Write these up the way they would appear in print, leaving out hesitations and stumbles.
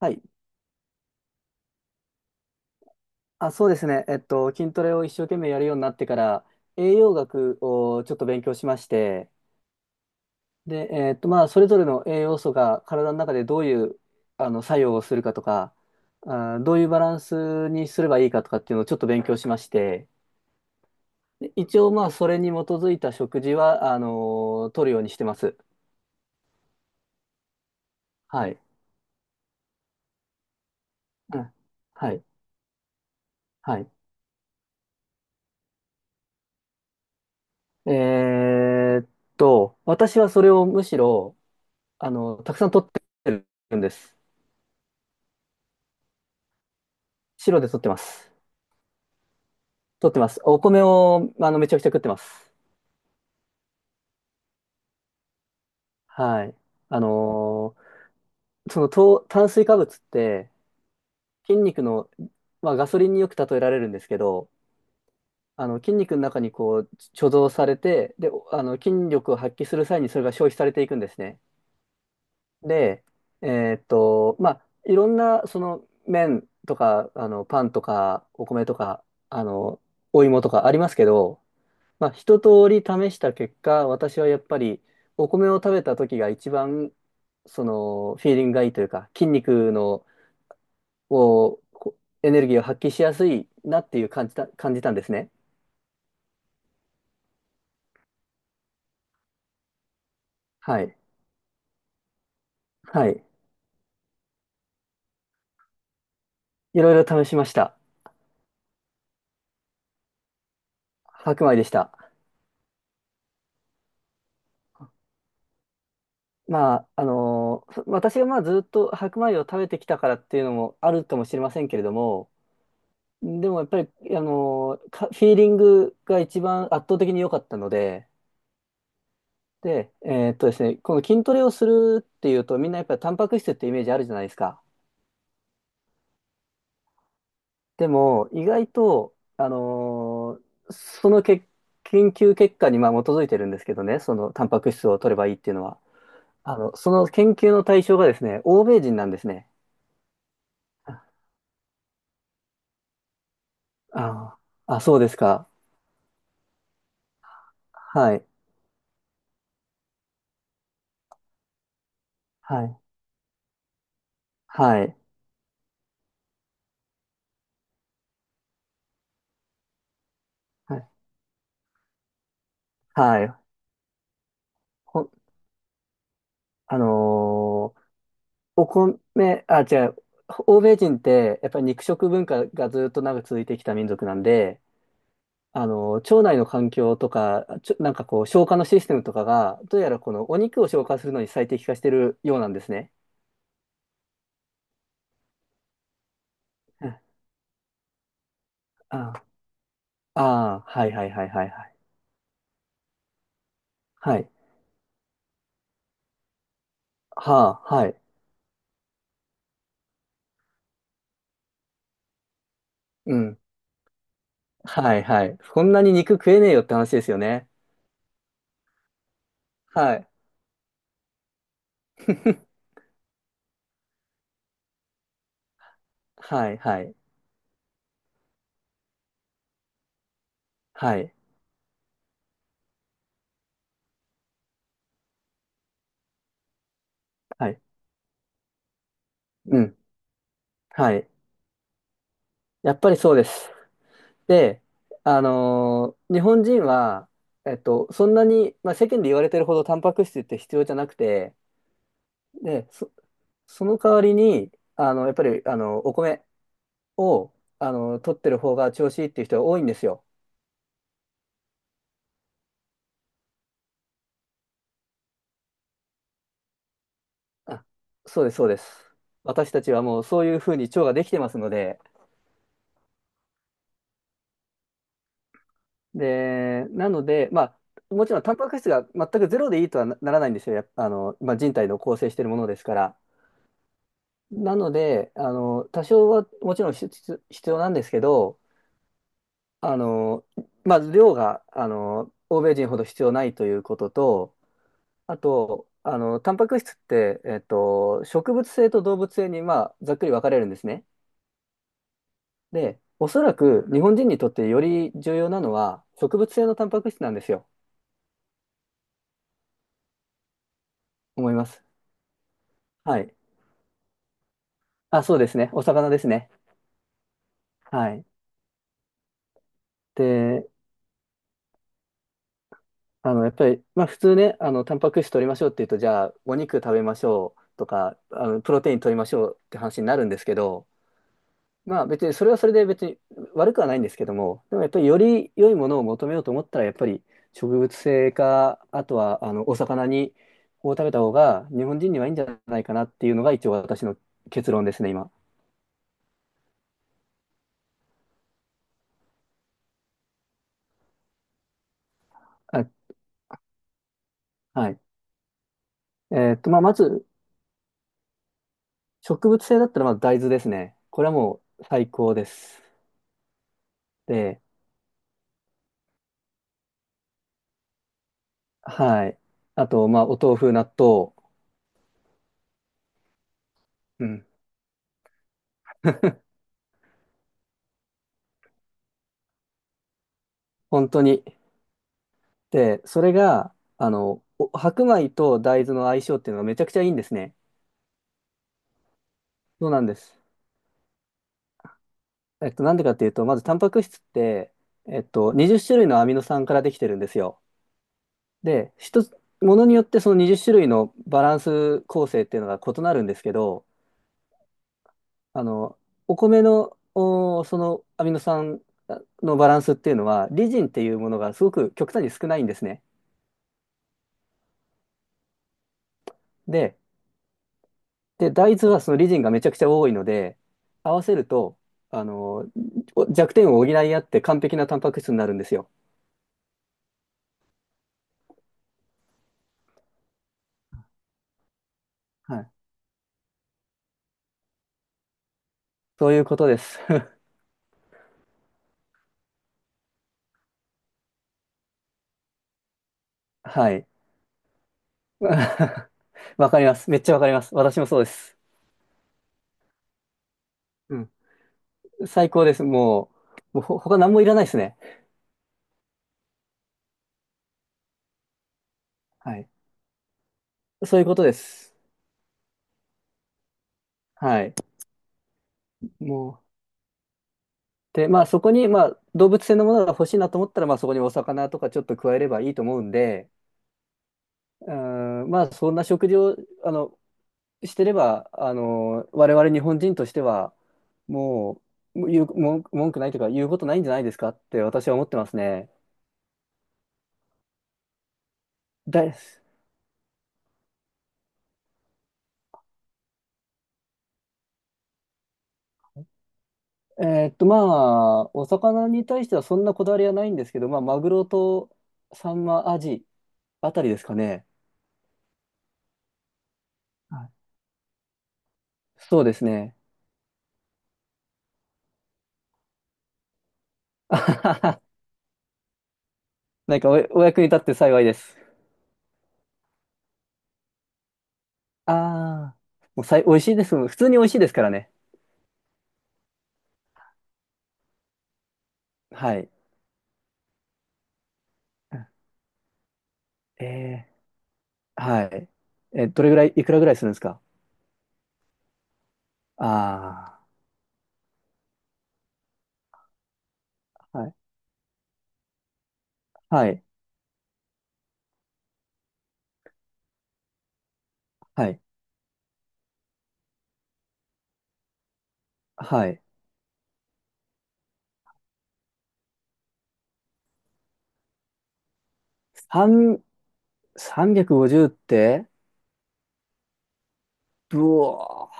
はい。あ、そうですね。筋トレを一生懸命やるようになってから、栄養学をちょっと勉強しまして、で、えっと、まあ、それぞれの栄養素が体の中でどういう、作用をするかとか、どういうバランスにすればいいかとかっていうのをちょっと勉強しまして、で一応、まあ、それに基づいた食事は、取るようにしてます。はい。うん、はい。はい。えーっ私はそれをむしろ、たくさん取ってるんです。白で取ってます。取ってます。お米を、めちゃくちゃ食ってます。はい。あのーその糖、炭水化物って、筋肉の、まあ、ガソリンによく例えられるんですけど、筋肉の中にこう、貯蔵されて、で、筋力を発揮する際にそれが消費されていくんですね。で、まあ、いろんな、その、麺とか、パンとか、お米とか、あの、お芋とかありますけど、まあ、一通り試した結果、私はやっぱりお米を食べた時が一番そのフィーリングがいいというか、筋肉のをこエネルギーを発揮しやすいなっていう感じたんですね。はい。はい。いろいろ試しました。白米でした。まあ、あのーそ私がまあずっと白米を食べてきたからっていうのもあるかもしれませんけれども、でもやっぱり、あのーかフィーリングが一番圧倒的に良かったので、で、ですね、この筋トレをするっていうと、みんなやっぱりタンパク質ってイメージあるじゃないですか。でも、意外と、あのーそのけ研究結果にまあ基づいてるんですけどね、そのタンパク質を取ればいいっていうのは、その研究の対象がですね、欧米人なんですね。あ、ああ、そうですか。はい。はい。はい。はい。はい。ほん、あのーお米、あ、違う。欧米人って、やっぱり肉食文化がずっと長く続いてきた民族なんで、腸内の環境とか、なんかこう、消化のシステムとかが、どうやらこのお肉を消化するのに最適化してるようなんですね。うん、ああ、ああ、はいはいはいはいはい。はい。はあ、はい。うん。はいはい。こんなに肉食えねえよって話ですよね。はい。はいはい。はい。はい。うん。はい。やっぱりそうです。で、日本人は、そんなに、まあ、世間で言われてるほどタンパク質って必要じゃなくて、で、その代わりに、やっぱり、お米を、取ってる方が調子いいっていう人が多いんですよ。あ、そうです、そうです。私たちはもうそういうふうに腸ができてますので、で、なので、まあ、もちろんタンパク質が全くゼロでいいとはならないんですよ。やっぱまあ、人体の構成しているものですから。なので、多少はもちろん必要なんですけど、あの、まず量が、欧米人ほど必要ないということと、あと、タンパク質って、植物性と動物性に、まあ、ざっくり分かれるんですね。で、おそらく日本人にとってより重要なのは、植物性のタンパク質なんですよ。思います。はい。あ、そうですね。お魚ですね。はい。でやっぱり、まあ普通ね、タンパク質取りましょうって言うと、じゃあ、お肉食べましょうとか、プロテイン取りましょうって話になるんですけど、まあ別に、それはそれで別に悪くはないんですけども、でもやっぱりより良いものを求めようと思ったら、やっぱり植物性か、あとは、お魚を食べた方が日本人にはいいんじゃないかなっていうのが一応私の結論ですね、今。あ、はい。まあまず、植物性だったらまず大豆ですね。これはもう最高です。で、はい。あと、まあ、お豆腐、納豆。うん。本当に。で、それが、お白米と大豆の相性っていうのがめちゃくちゃいいんですね。そうなんです。なんでかっていうと、まず、タンパク質って、20種類のアミノ酸からできてるんですよ。で、ものによってその20種類のバランス構成っていうのが異なるんですけど、あの、お米の、そのアミノ酸のバランスっていうのは、リジンっていうものがすごく極端に少ないんですね。で、大豆はそのリジンがめちゃくちゃ多いので、合わせると、あの、弱点を補い合って完璧なタンパク質になるんですよ。はい。そういうことです。はい。わかります。めっちゃわかります。私もそうです。うん。最高です。もう他何もいらないですね。はい。そういうことです。はい。もう、で、まあそこに、まあ動物性のものが欲しいなと思ったら、まあそこにお魚とかちょっと加えればいいと思うんで、うーん、まあそんな食事を、あの、してれば、我々日本人としては、もう、もう言う、文句ないというか、言うことないんじゃないですかって私は思ってますね。だい、まあ、お魚に対してはそんなこだわりはないんですけど、まあ、マグロとサンマ、アジあたりですかね。はい。そうですね。あはは。なんかお役に立って幸いです。ああ、もう美味しいです。普通に美味しいですからね。はい。えーはい。え、どれぐらい、いくらぐらいするんですか？ああー。はい。はい。はい。はい。三、350ってうわ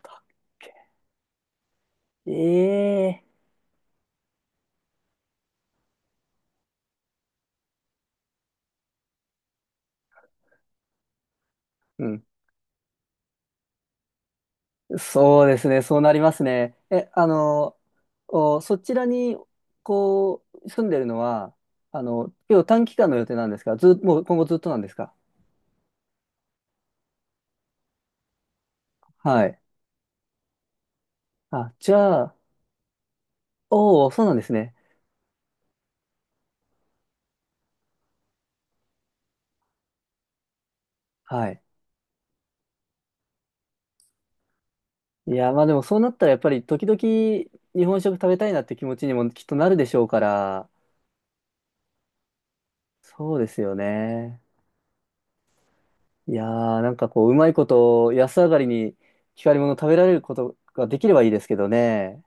ー、だっけ。ええ、うん。そうですね。そうなりますね。え、そちらに、こう、住んでるのは、今日短期間の予定なんですか？ず、もう今後ずっとなんですか？はい。あ、じゃあ、おお、そうなんですね。はい。いや、まあでもそうなったらやっぱり時々日本食食べたいなって気持ちにもきっとなるでしょうから、そうですよね。いやー、なんかこう、うまいこと、安上がりに光り物食べられることができればいいですけどね。